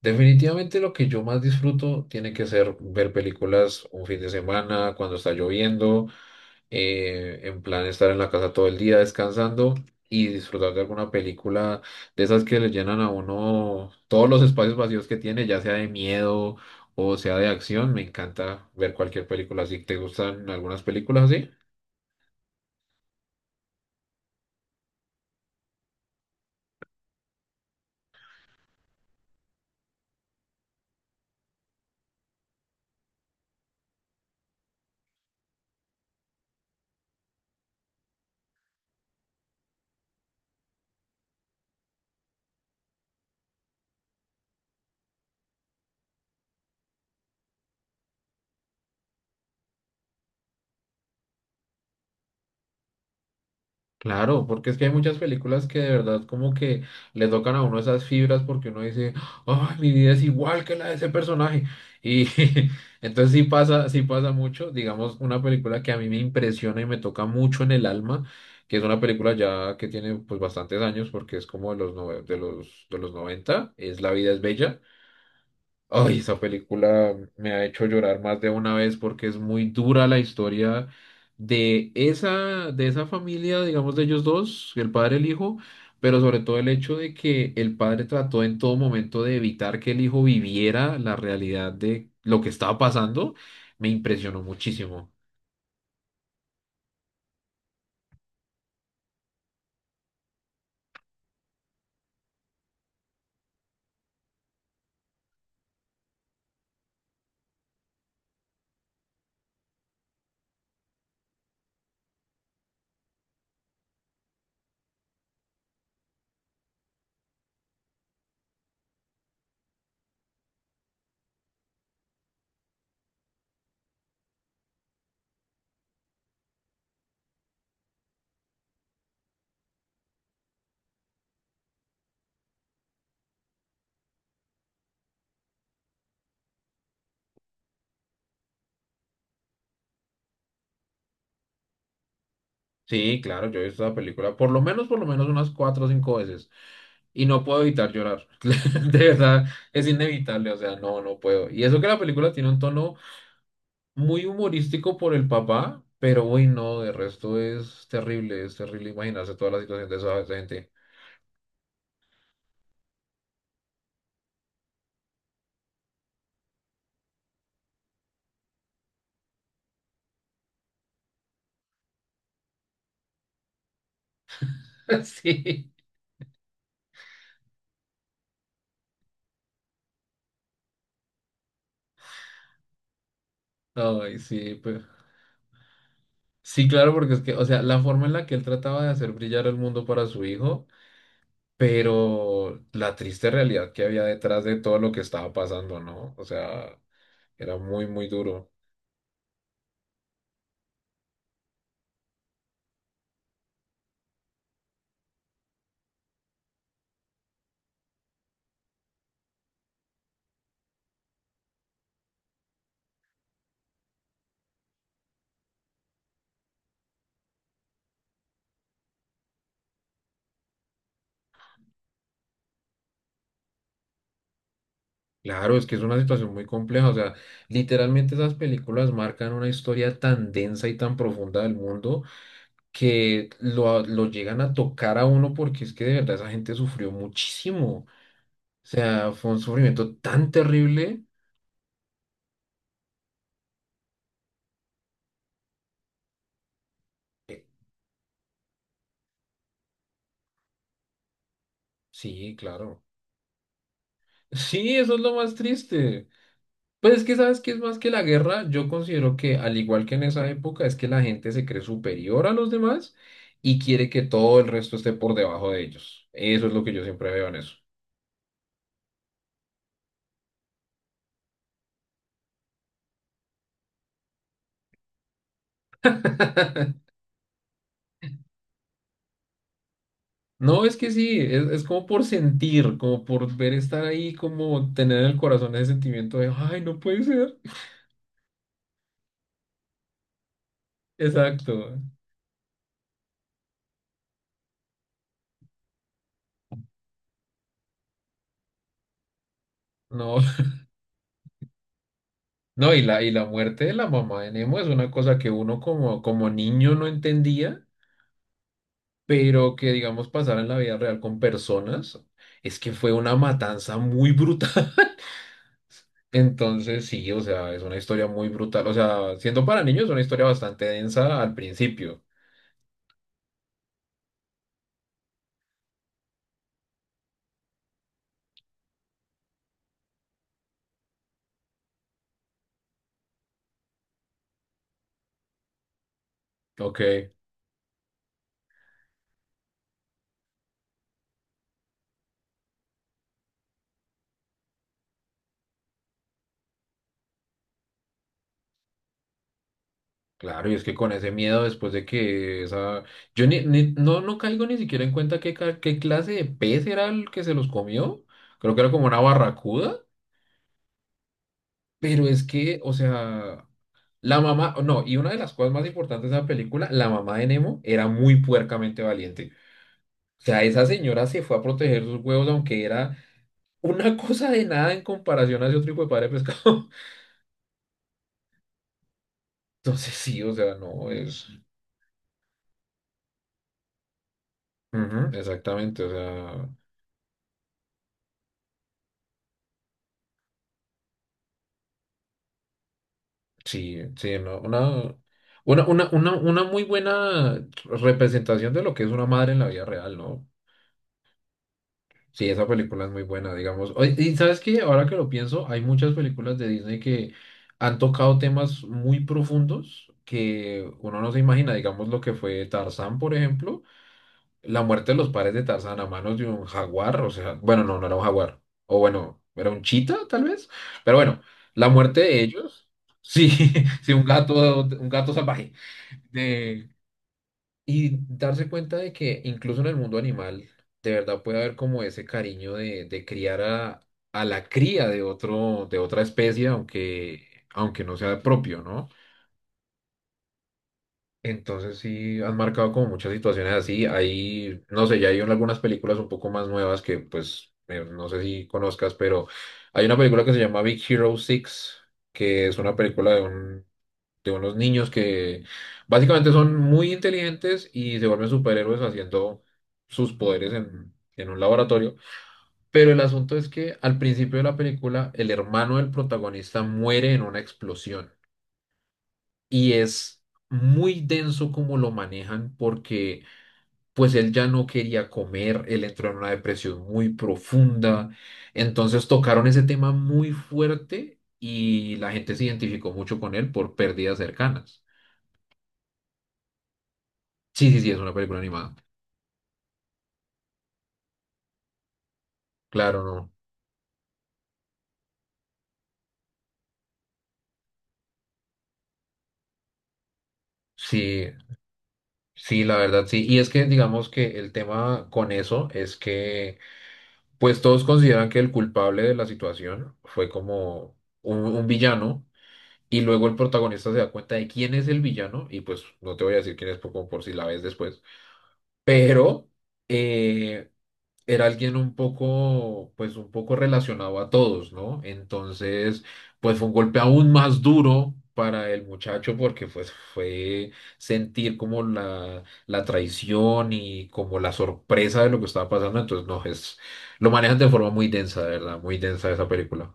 Definitivamente lo que yo más disfruto tiene que ser ver películas un fin de semana, cuando está lloviendo, en plan estar en la casa todo el día descansando y disfrutar de alguna película de esas que le llenan a uno todos los espacios vacíos que tiene, ya sea de miedo o sea de acción. Me encanta ver cualquier película así. ¿Te gustan algunas películas así? Claro, porque es que hay muchas películas que de verdad como que le tocan a uno esas fibras porque uno dice, ay, mi vida es igual que la de ese personaje. Y entonces sí pasa mucho. Digamos, una película que a mí me impresiona y me toca mucho en el alma, que es una película ya que tiene pues bastantes años porque es como de los de los 90, es La vida es bella. Ay, esa película me ha hecho llorar más de una vez porque es muy dura la historia de esa familia, digamos, de ellos dos, el padre y el hijo, pero sobre todo el hecho de que el padre trató en todo momento de evitar que el hijo viviera la realidad de lo que estaba pasando, me impresionó muchísimo. Sí, claro, yo he visto esa película por lo menos unas cuatro o cinco veces y no puedo evitar llorar. De verdad, es inevitable, o sea, no, no puedo. Y eso que la película tiene un tono muy humorístico por el papá, pero uy, no, de resto es terrible imaginarse toda la situación de esa gente. Sí, ay, sí, pues. Sí, claro, porque es que, o sea, la forma en la que él trataba de hacer brillar el mundo para su hijo, pero la triste realidad que había detrás de todo lo que estaba pasando, ¿no? O sea, era muy, muy duro. Claro, es que es una situación muy compleja, o sea, literalmente esas películas marcan una historia tan densa y tan profunda del mundo que lo llegan a tocar a uno porque es que de verdad esa gente sufrió muchísimo. O sea, fue un sufrimiento tan terrible. eh, Sí, claro. Sí, eso es lo más triste. Pues es que sabes que es más que la guerra, yo considero que al igual que en esa época es que la gente se cree superior a los demás y quiere que todo el resto esté por debajo de ellos. Eso es lo que yo siempre veo en eso. No, es que sí, es como por sentir, como por ver estar ahí, como tener en el corazón ese sentimiento de, ay, no puede ser. Exacto. No, no, y la muerte de la mamá de Nemo es una cosa que uno como, como niño no entendía, pero que digamos pasar en la vida real con personas, es que fue una matanza muy brutal. Entonces, sí, o sea, es una historia muy brutal. O sea, siendo para niños es una historia bastante densa al principio. Ok. Claro, y es que con ese miedo después de que esa... Yo ni, ni- no, no caigo ni siquiera en cuenta qué clase de pez era el que se los comió. Creo que era como una barracuda. Pero es que, o sea, la mamá... No, y una de las cosas más importantes de la película, la mamá de Nemo era muy puercamente valiente. O sea, esa señora se fue a proteger sus huevos aunque era una cosa de nada en comparación a ese otro hijo de padre pescado. Entonces sí, o sea, no es... Ujú, exactamente, o sea... Sí, sí, no, una muy buena representación de lo que es una madre en la vida real, ¿no? Sí, esa película es muy buena, digamos. Oye, y sabes que ahora que lo pienso, hay muchas películas de Disney que han tocado temas muy profundos que uno no se imagina, digamos lo que fue Tarzán, por ejemplo. La muerte de los padres de Tarzán a manos de un jaguar, o sea, bueno, no, no era un jaguar, o bueno, era un chita tal vez, pero bueno, la muerte de ellos, sí, sí, un gato salvaje, de, y darse cuenta de que incluso en el mundo animal, de verdad puede haber como ese cariño de criar a la cría de otro, de otra especie, aunque, aunque no sea propio, ¿no? Entonces sí han marcado como muchas situaciones así. Ahí no sé, ya hay algunas películas un poco más nuevas que pues no sé si conozcas, pero hay una película que se llama Big Hero 6, que es una película de unos niños que básicamente son muy inteligentes y se vuelven superhéroes haciendo sus poderes en un laboratorio. Pero el asunto es que al principio de la película el hermano del protagonista muere en una explosión y es muy denso como lo manejan porque pues él ya no quería comer, él entró en una depresión muy profunda, entonces tocaron ese tema muy fuerte y la gente se identificó mucho con él por pérdidas cercanas. Sí, sí, sí, es una película animada. Claro, no. Sí, sí, la verdad, sí. Y es que digamos que el tema con eso es que pues todos consideran que el culpable de la situación fue como un villano. Y luego el protagonista se da cuenta de quién es el villano, y pues no te voy a decir quién es por, como por si la ves después, pero eh, era alguien un poco, pues un poco relacionado a todos, ¿no? Entonces, pues fue un golpe aún más duro para el muchacho porque pues fue sentir como la traición y como la sorpresa de lo que estaba pasando. Entonces, no, es, lo manejan de forma muy densa, de verdad, muy densa esa película.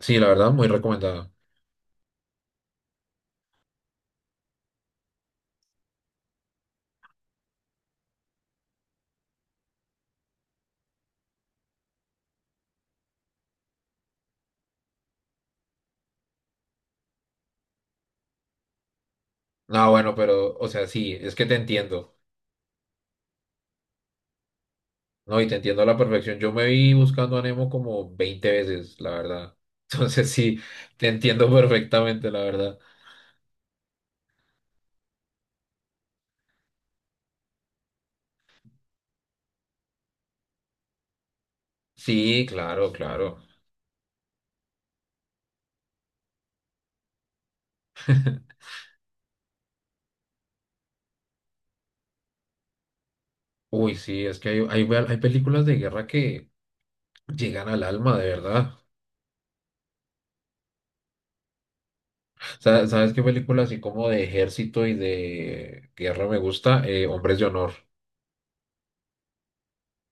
Sí, la verdad, muy recomendada. No, bueno, pero, o sea, sí, es que te entiendo, ¿no? Y te entiendo a la perfección. Yo me vi Buscando a Nemo como 20 veces, la verdad. Entonces, sí, te entiendo perfectamente, la verdad. Sí, claro, claro. Uy, sí, es que hay películas de guerra que llegan al alma, de verdad. ¿Sabes qué película así como de ejército y de guerra me gusta? Hombres de Honor.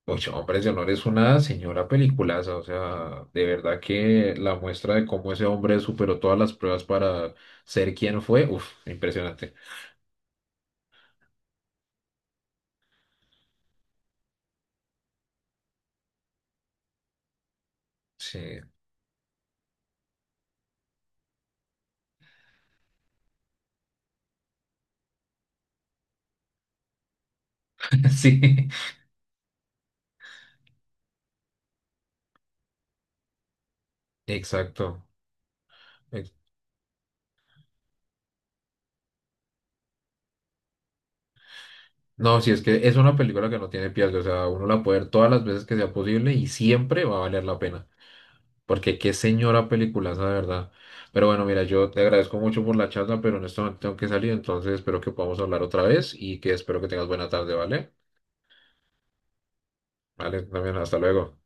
Mucho Hombre, de Honor es una señora peliculaza, o sea, de verdad que la muestra de cómo ese hombre superó todas las pruebas para ser quien fue, uff, impresionante. Sí, sí, exacto. Ex- no, sí, es que es una película que no tiene pierde, o sea, uno la puede ver todas las veces que sea posible y siempre va a valer la pena, porque qué señora peliculaza, de verdad. Pero bueno, mira, yo te agradezco mucho por la charla, pero en este momento tengo que salir, entonces espero que podamos hablar otra vez y que espero que tengas buena tarde, ¿vale? Vale, también, hasta luego.